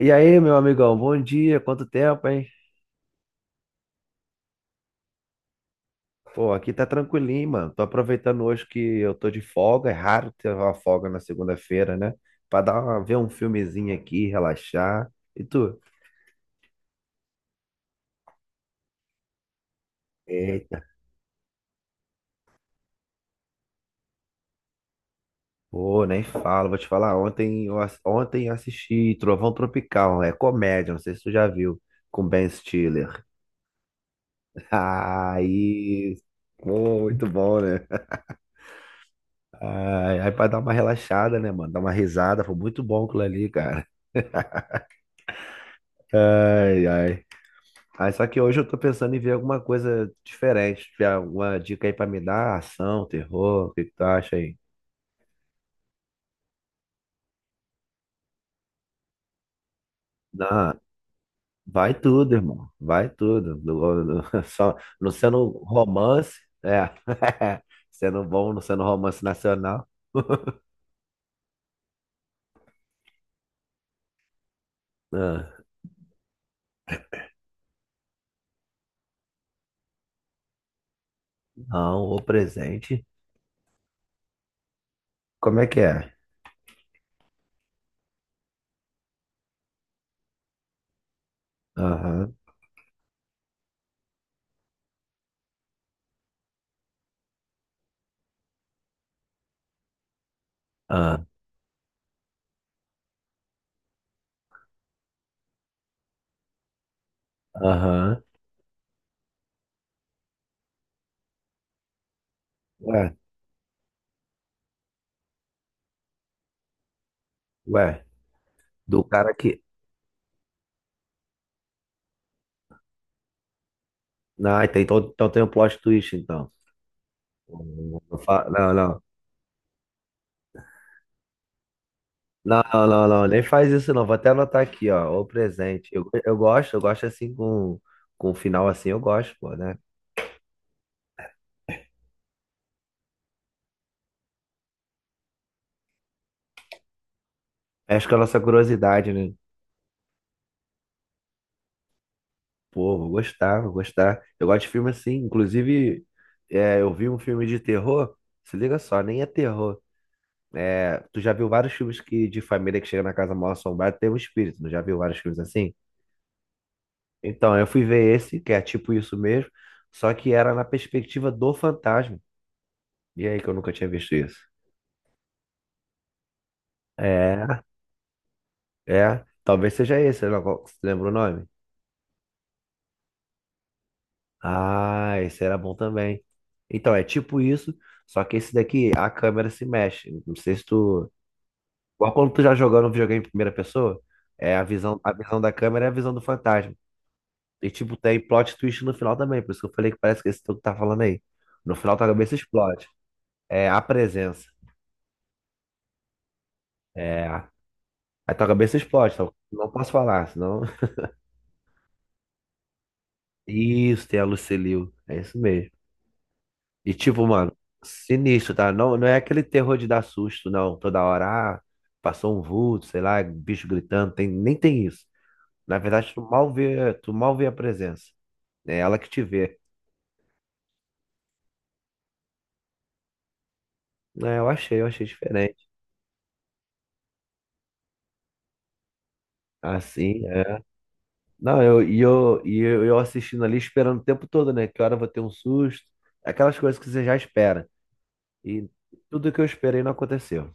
E aí, meu amigão, bom dia, quanto tempo, hein? Pô, aqui tá tranquilinho, mano. Tô aproveitando hoje que eu tô de folga, é raro ter uma folga na segunda-feira, né? Pra dar uma, ver um filmezinho aqui, relaxar. E tu? Eita, pô, nem falo, vou te falar. Ontem eu assisti Trovão Tropical, é comédia, não sei se tu já viu, com Ben Stiller. Aí, pô, muito bom, né? Ai, aí pra dar uma relaxada, né, mano? Dar uma risada, foi muito bom aquilo ali, cara. Ai, ai. Aí só que hoje eu tô pensando em ver alguma coisa diferente. Tiver alguma dica aí pra me dar? Ação, terror, o que que tu acha aí? Não, vai tudo, irmão. Vai tudo. Só, não sendo romance, é. Sendo bom, não sendo romance nacional. Ah, não, o presente. Como é que é? Aham, ah, aham. Ué, ué, do cara que. Não, então tem um plot twist, então. Não, não, não, não. Não, não, não, não, nem faz isso não. Vou até anotar aqui, ó, o presente. Eu gosto assim com o final assim, eu gosto, pô, né? Acho que é a nossa curiosidade, né? Pô, vou gostar, vou gostar. Eu gosto de filme assim, inclusive, eu vi um filme de terror, se liga só, nem é terror. É, tu já viu vários filmes que de família que chega na casa mal assombrada tem um espírito, não já viu vários filmes assim? Então, eu fui ver esse, que é tipo isso mesmo, só que era na perspectiva do fantasma. E aí que eu nunca tinha visto isso. É. É, talvez seja esse, né? Você lembra o nome? Ah, esse era bom também. Então, é tipo isso, só que esse daqui, a câmera se mexe. Não sei se tu. Igual quando tu já jogando um videogame em primeira pessoa, é a visão, da câmera é a visão do fantasma. E tipo, tem plot twist no final também, por isso que eu falei que parece que esse tu tá falando aí. No final tua cabeça explode. É a presença. É. Aí tua cabeça explode, então não posso falar, senão. Isso, tem a Lucille Liu. É isso mesmo. E tipo, mano, sinistro, tá? Não, não é aquele terror de dar susto, não. Toda hora, ah, passou um vulto, sei lá, bicho gritando, tem, nem tem isso. Na verdade, tu mal vê a presença. É ela que te vê. É, eu achei diferente. Assim, é. Não, eu assistindo ali, esperando o tempo todo, né? Que hora eu vou ter um susto. Aquelas coisas que você já espera. E tudo que eu esperei não aconteceu.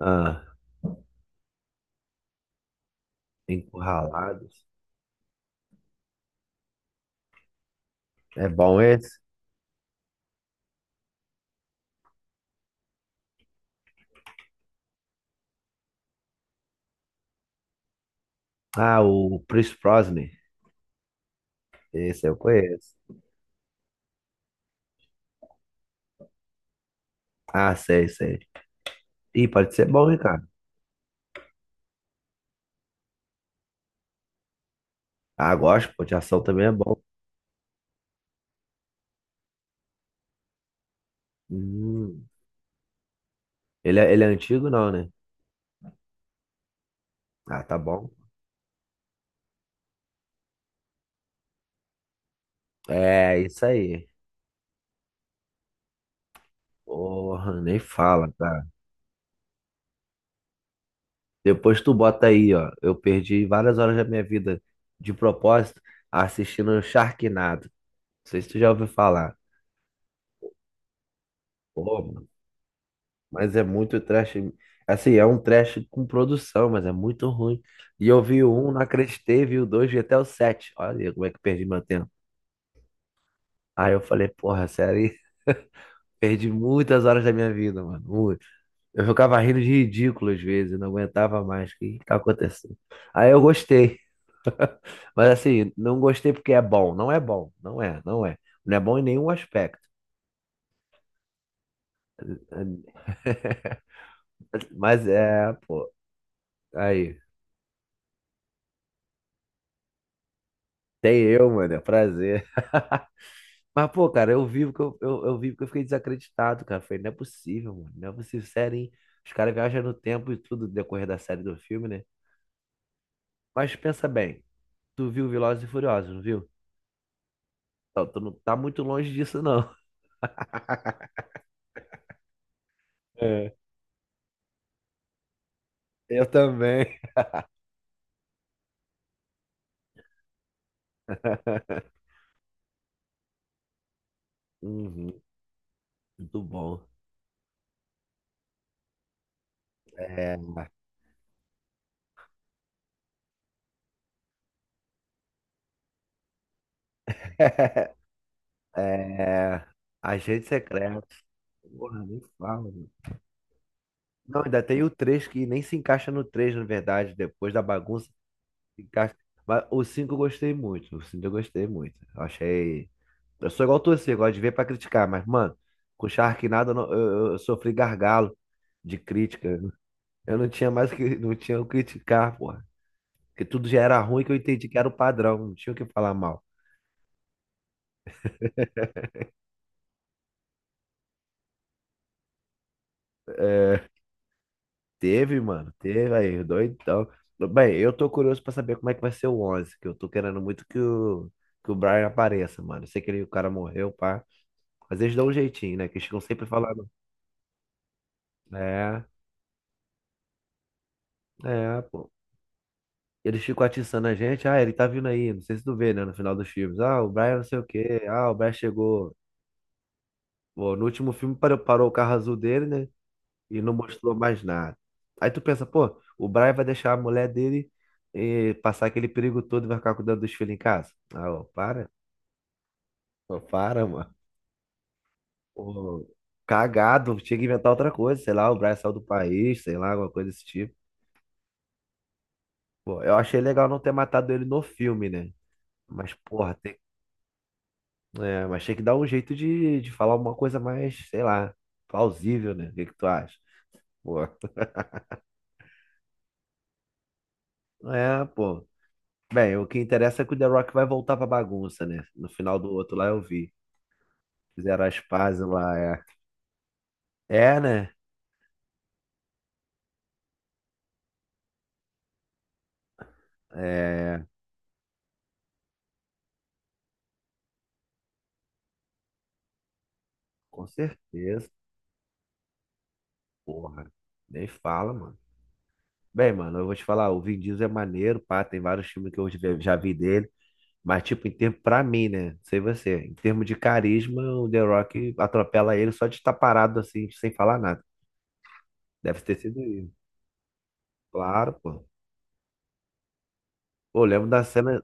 Ah, Encurralados. É bom esse? Ah, o Pierce Brosnan. Esse eu conheço. Ah, sei, sei. Ih, pode ser bom, hein, cara? Ah, gosto, pô, de ação também é bom. Hum. Ele é antigo, não, né? Ah, tá bom. É, isso aí. Porra, nem fala, cara. Depois tu bota aí, ó. Eu perdi várias horas da minha vida de propósito assistindo Sharknado. Não sei se tu já ouviu falar. Pô, mano, mas é muito trash. Assim, é um trash com produção, mas é muito ruim. E eu vi o 1, não acreditei, vi o 2, vi até o 7. Olha aí como é que eu perdi meu tempo. Aí eu falei, porra, sério, perdi muitas horas da minha vida, mano. Muito. Eu ficava rindo de ridículo às vezes, não aguentava mais. O que que tá acontecendo? Aí eu gostei, mas assim, não gostei porque é bom. Não é bom, não é, não é. Não é bom em nenhum aspecto. Mas é, pô, aí. Tem eu, mano, é um prazer. Mas, pô, cara, eu vivo que eu vivo que eu fiquei desacreditado, cara. Falei, não é possível, mano. Não é possível, sério, hein? Os caras viajam no tempo e tudo decorrer da série do filme, né? Mas pensa bem, tu viu Velozes e Furiosos, não viu? Então, tu não tá muito longe disso, não. É. Eu também. Uhum, muito bom. É. É. Agente Secreto. Porra, nem fala, mano. Não, ainda tem o 3 que nem se encaixa no 3, na verdade, depois da bagunça se encaixa. Mas o 5 eu gostei muito. O 5 eu gostei muito. Eu achei. Eu sou igual você, eu gosto de ver pra criticar, mas, mano, com o Sharknado eu sofri gargalo de crítica. Eu não tinha mais que, não tinha o que criticar, porra. Porque tudo já era ruim que eu entendi que era o padrão, não tinha o que falar mal. É, teve, mano, teve aí, doidão. Bem, eu tô curioso pra saber como é que vai ser o 11 que eu tô querendo muito que o, Brian apareça, mano. Eu sei que ele, o cara morreu, pá. Mas eles dão um jeitinho, né? Que eles ficam sempre falando. É, é, pô. Eles ficam atiçando a gente. Ah, ele tá vindo aí. Não sei se tu vê, né? No final dos filmes. Ah, o Brian não sei o quê. Ah, o Brian chegou. Pô, no último filme parou, parou o carro azul dele, né? E não mostrou mais nada. Aí tu pensa, pô, o Brian vai deixar a mulher dele passar aquele perigo todo e vai ficar cuidando dos filhos em casa? Ah, ô, para, ô, para, mano. Ô, cagado, tinha que inventar outra coisa, sei lá, o Brian saiu do país, sei lá, alguma coisa desse tipo. Pô, eu achei legal não ter matado ele no filme, né? Mas, porra, tem, é, mas tinha que dar um jeito de, falar uma coisa mais, sei lá, plausível, né? O que que tu acha? Pô, é, pô. Bem, o que interessa é que o The Rock vai voltar pra bagunça, né? No final do outro lá eu vi. Fizeram as pazes lá, é. É, né? É, com certeza, porra. Nem fala, mano. Bem, mano, eu vou te falar, o Vin Diesel é maneiro, pá, tem vários filmes que eu já vi dele, mas, tipo, em termos, pra mim, né? Não sei você, em termos de carisma, o The Rock atropela ele só de estar parado, assim, sem falar nada. Deve ter sido isso. Claro, pô. Pô, eu lembro da cena.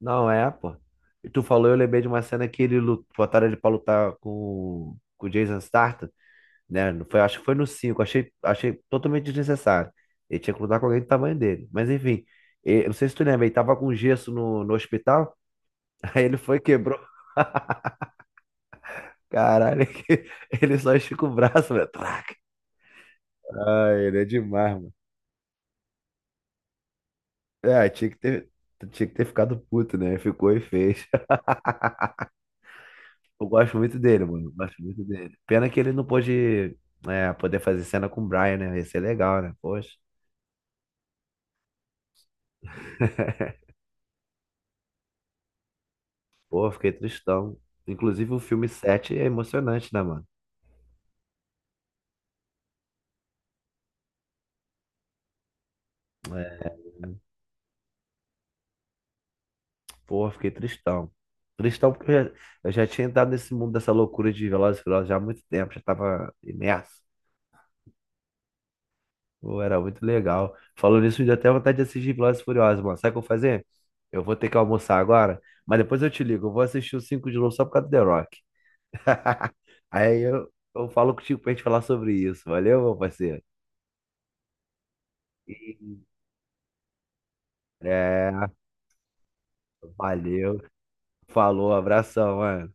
Não é, pô. E tu falou, eu lembrei de uma cena que botaram ele pra lutar com o Jason Statham, né? Não foi, acho que foi no 5. Achei, achei totalmente desnecessário. Ele tinha que lutar com alguém do tamanho dele. Mas enfim, eu não sei se tu lembra, ele tava com gesso no hospital, aí ele foi e quebrou. Caralho, ele só estica o braço, velho. Traca. Ai, ele é demais, mano. É, tinha que ter ficado puto, né? Ficou e fez. Eu gosto muito dele, mano. Eu gosto muito dele. Pena que ele não pôde, poder fazer cena com o Brian, né? Ia ser legal, né? Poxa. Pô, fiquei tristão. Inclusive, o filme 7 é emocionante, né, mano? É, pô, fiquei tristão. Tristão porque eu já tinha entrado nesse mundo dessa loucura de Velozes e Furiosos já há muito tempo, já tava imerso. Pô, era muito legal. Falando nisso, me deu até vontade de assistir Velozes e Furiosos, mano. Sabe o que eu vou fazer? Eu vou ter que almoçar agora, mas depois eu te ligo. Eu vou assistir o 5 de novo só por causa do The Rock. Aí eu falo contigo pra gente falar sobre isso. Valeu, meu parceiro? E- É, valeu. Falou, abração, mano.